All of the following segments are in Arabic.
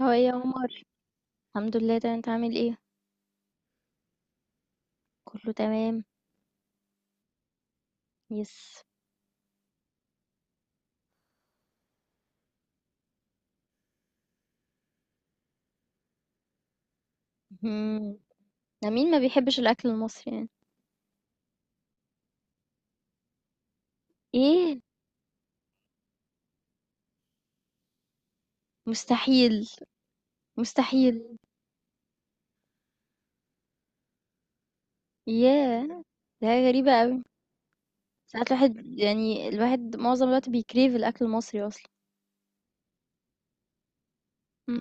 هو ايه يا عمر؟ الحمد لله، تمام، انت عامل ايه؟ كله تمام. يس. مم. ده مين ما بيحبش الاكل المصري يعني؟ ايه. مستحيل. مستحيل. ياه، ده حاجة غريبة قوي. ساعات الواحد يعني الواحد معظم الوقت بيكريف الاكل المصري اصلا. مم.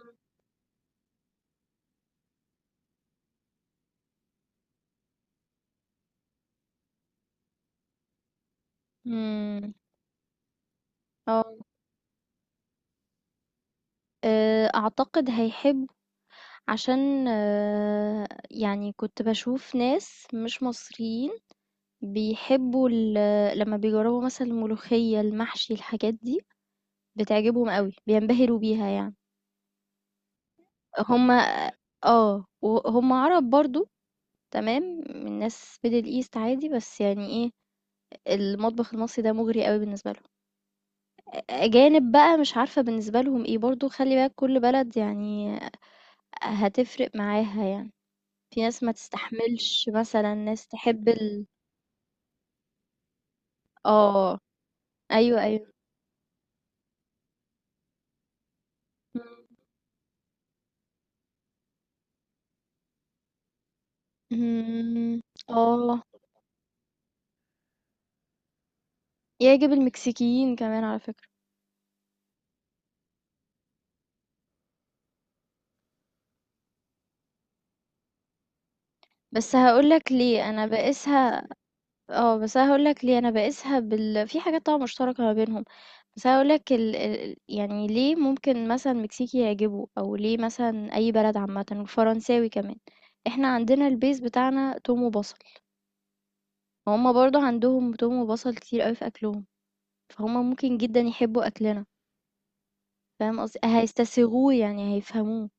مم. اه. اعتقد هيحب، عشان يعني كنت بشوف ناس مش مصريين بيحبوا لما بيجربوا مثلا الملوخية المحشي الحاجات دي، بتعجبهم أوي، بينبهروا بيها يعني. هم. وهُم عرب برضه. تمام، من ناس middle east عادي، بس يعني إيه، المطبخ المصري ده مُغري أوي بالنسبة لهم. أجانب بقى مش عارفة بالنسبة لهم إيه، برضه خلّي بالك كل بلد يعني هتفرق معاها يعني، في ناس ما تستحملش مثلًا، ناس تحب ال. آه، أيوه، أيوه. إمم. آه، يعجب المكسيكيين كمان على فكرة، بس هاقول لك ليه، أنا باقيسها. بس أنا هاقول لك ليه، أنا باقيسها بال، في حاجات طبعًا مشتركة ما بينهم، بس أنا هاقول لك ال يعني ليه ممكن مثلًا المكسيكي يعجبه، أو ليه مثلًا أي بلد عامةً والفرنساوي كمان، إحنا عندنا الbase بتاعنا توم وبصل، وهُم برضه عندهم توم وبصل كتير أوي في أكلهم، فهُم ممكن جدًا يحبوا أكلنا، فاهم قصدي؟ هيستسيغوه يعني هيفهموه.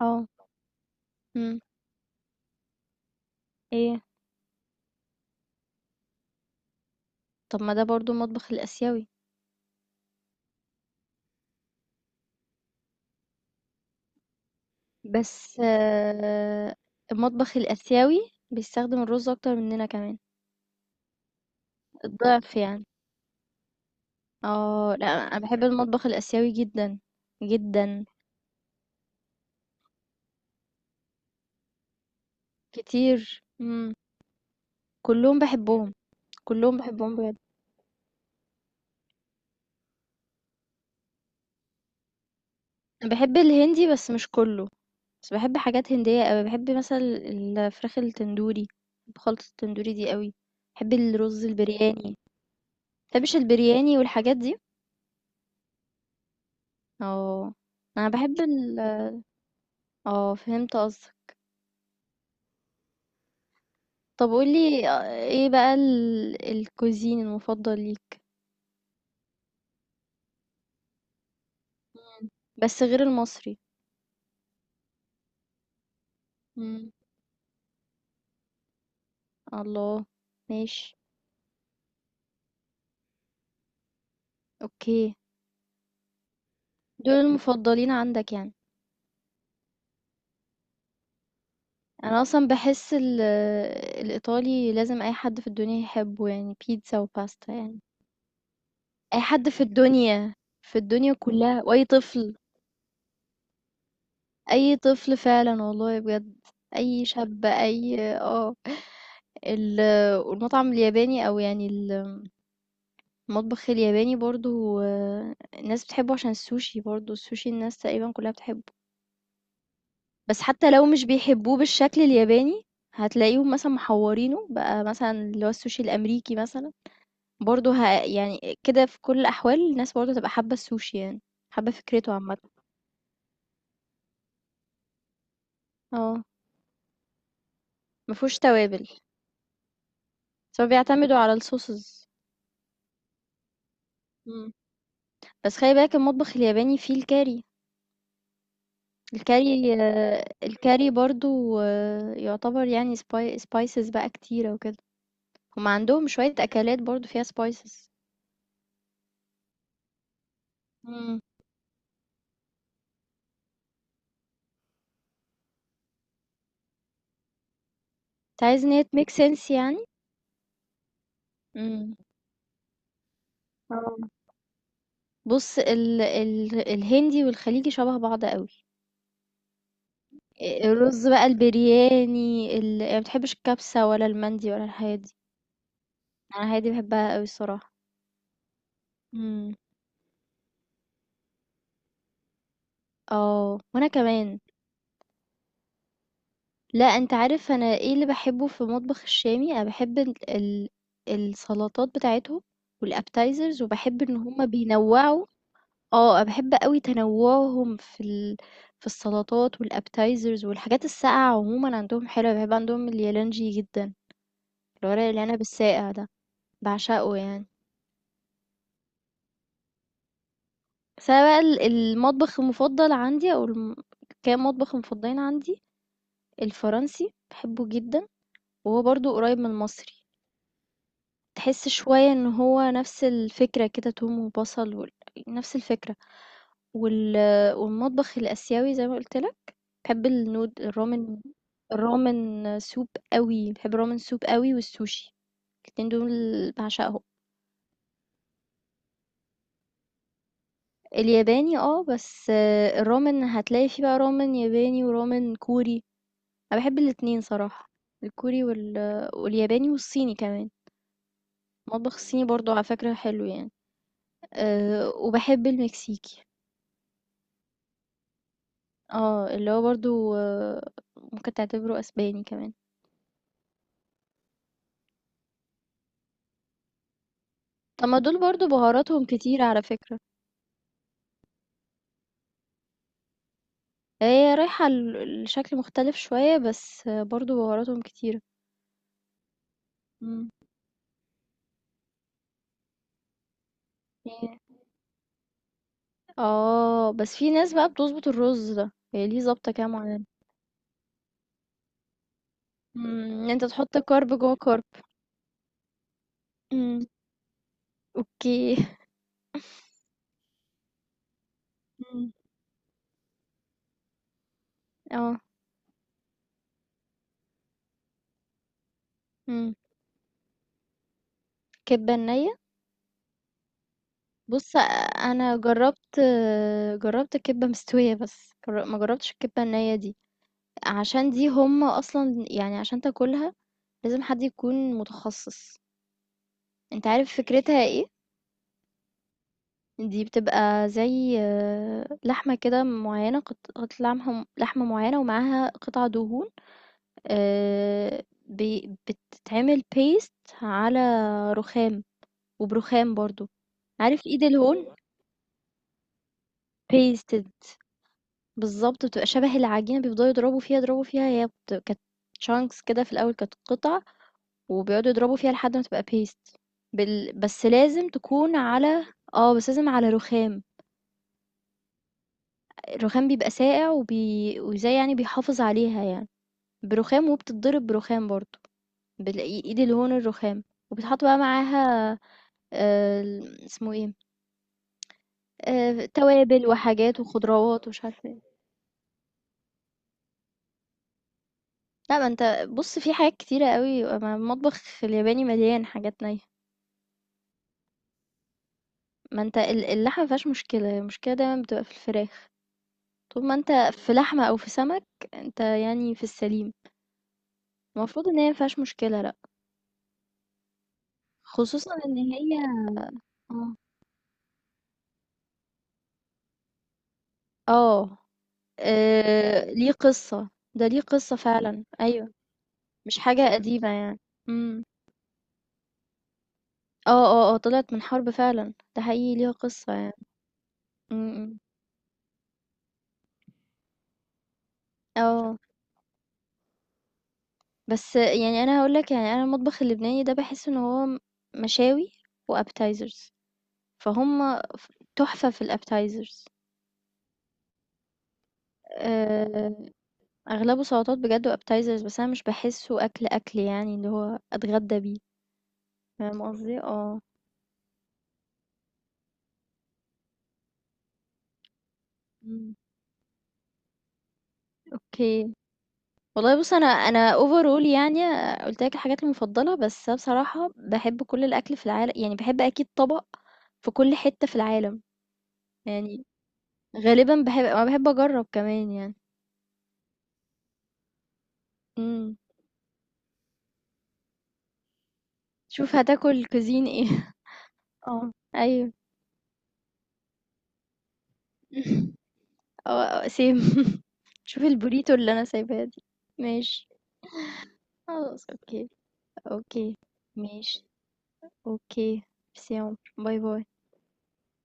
آه. إمم. إيه؟ طب ما ده برضه المطبخ الآسيوي، بس المطبخ الآسيوي بيستخدم الرز أكتر مننا كمان. الضعف يعني. اه، لا، انا بحب المطبخ الاسيوي جدا جدا. كتير. مم. كلهم بحبهم. كلهم بحبهم بجد. انا بحب الهندي بس مش كله، بس بحب حاجات هندية قوي، بحب مثلا الفراخ التندوري، بحب خلطة التندوري دي قوي، بحب الرز البرياني، بحبش البرياني والحاجات دي. اه. انا بحب ال. اه، فهمت قصدك. طب قولي ايه بقى ال... الكوزين المفضل ليك؟ مم. بس غير المصري. الله. ماشي. اوكي. دول المفضلين عندك يعني. انا اصلا بحس الايطالي لازم اي حد في الدنيا يحبه، يعني بيتزا وباستا يعني. اي حد في الدنيا، في الدنيا كلها، واي طفل. اي طفل فعلا والله بجد. اي شاب، اي والمطعم الياباني او يعني المطبخ الياباني برضو الناس بتحبه عشان السوشي، برضو السوشي الناس تقريبا كلها بتحبه. بس حتى لو مش بيحبوه بالشكل الياباني هتلاقيهم مثلا محورينه بقى، مثلا اللي هو السوشي الأمريكي مثلا برضه يعني كده، في كل الأحوال الناس برضه تبقى حابة السوشي يعني، حابة فكرته عامة. اه، مفهوش توابل، بس هو بيعتمدوا على الصوصز. مم. بس خلي بالك المطبخ الياباني فيه الكاري. الكاري برضو يعتبر يعني سبايسز بقى كتيرة وكده، هما عندهم شوية أكلات برضو فيها سبايسز. مم. انت عايز ان هي تميك سنس يعني. مم. آه. بُص ال ال الهندي والخليجي شبه بعض أوي، الرز بقى البرياني أنا ما باحبش الكبسة ولا المندي ولا الحاجات دي، أنا الحاجات دي باحبها أوي الصراحة. إمم. آه، وأنا كمان. لأ، أنت عارف أنا إيه اللي باحبه في المطبخ الشامي، أنا باحب ال ال السلطات بتاعتهم والappetizers، وباحب إن هُم بينوّعوا. أنا باحب أوي تنوُّعهم في السلطات والappetizers، والحاجات الساقعة عمومًا عندهم حلوة، باحب عندهم اليالنجي جدًا. الورق العنب الساقع ده بعشقه يعني. بس انا بقى المطبخ المفضل عندي او كام مطبخ مفضلين عندي، الفرنسي بحبه جدا وهو برضو قريب من المصري، تحس شوية ان هو نفس الفكرة كده، توم وبصل نفس الفكرة وال... والمطبخ الاسيوي زي ما قلت لك، بحب الرامن، الرامن سوب قوي، بحب الرامن سوب قوي والسوشي، الاتنين دول بعشقهم. الياباني بس الرامن هتلاقي فيه بقى رامن ياباني ورامن كوري، أنا باحب الاتنين صراحة، الكوري والياباني والصيني كمان، المطبخ الصيني برضه على فكرة حلو يعني، وباحب المكسيكي، اللي هو برضه ممكن تعتبره أسباني كمان، طب ما دول برضه بهاراتهم كتيرة على فكرة، هي رايحة لشكل مختلف شوية بس برضه بهاراتهم كتيرة. إمم. بس في ناس بقى بتضبط الرز ده، هي ليه ضابطة كده معينة. أنت تحط كارب جوّه كارب. إمم. أوكي. إمم، آه، إمم، كِبّة نيّة؟ بُص، أنا جرّبت، جرّبت الكِبّة مستوية بس، ما جرّبتش الكِبّة النيّة دي، عشان دي هُم أصلًا يعني عشان تاكلها لازم حد يكون متخصص. أنت عارف فكرتها إيه؟ دي بتبقى زي لحمة كده معيّنة، قطعة لحمة معيّنة ومعاها قطع دهون، بتتعمل بيست على رخام، وبرخام برضو. عارف ايد الهون، بيستد، بالظبط بتبقى شبه العجينة، بيفضلوا يضربوا فيها يضربوا فيها. هي كانت شانكس كده في الأول، كانت قطع وبيقعدوا يضربوا فيها لحد ما تبقى بيست بس لازم تكون على. اه، بس لازم على رخام، الرخام بيبقى ساقع وزي يعني بيحافظ عليها يعني، برخام، وبتتضرب برخام برضو، بالإيد الهون الرخام، وبتحط بقى معاها اسمه إيه، توابل وحاجات وخضروات ومش عارفة إيه. لأ، ما أنت، بُص في حاجات كتيرة أوي، ما المطبخ الياباني مليان حاجات نيّة، ما أنت اللحمة ما فيهاش مشكلة، هي المشكلة دايمًا بتبقى في الفراخ، طول ما أنت في لحمة أو في سمك، أنت يعني في السليم، المفروض إن هي ما فيهاش مشكلة لأ، خصوصًا إن هي آه، آه، ليه قصة، ده ليه قصة فعلًا، أيوه، مش حاجة قديمة يعني. إمم. طلعت من حرب فعلًا، ده حقيقي ليها قصة يعني. إمم. إمم. آه. بس يعني أنا هاقول لك، يعني أنا المطبخ اللبناني ده باحس إن هو مشاوي وappetizers، فهُم ف تحفة في الappetizers. آآ أغلبه سلطات بجد وappetizers، بس أنا مش باحسّه أكل، أكل يعني اللي هو أتغدّى بيه، فاهم قصدي؟ آه. إمم. أوكي. والله، بُص أنا overall يعني قُلت لك الحاجات المفضّلة، بس أنا بصراحة باحب كل الأكل في العال، يعني باحب أكيد طبق في كل حتّة في العالم. يعني غالبًا باحب، أنا باحب أجرّب كمان يعني. إمم. شوف هتاكل cuisine إيه. آه. أيوه. آه، same. شوف الburrito اللي أنا سايباها دي. ماشي، خلاص أوكي، أوكي، ماشي، أوكي، ميرسي يا عمر، باي، باي.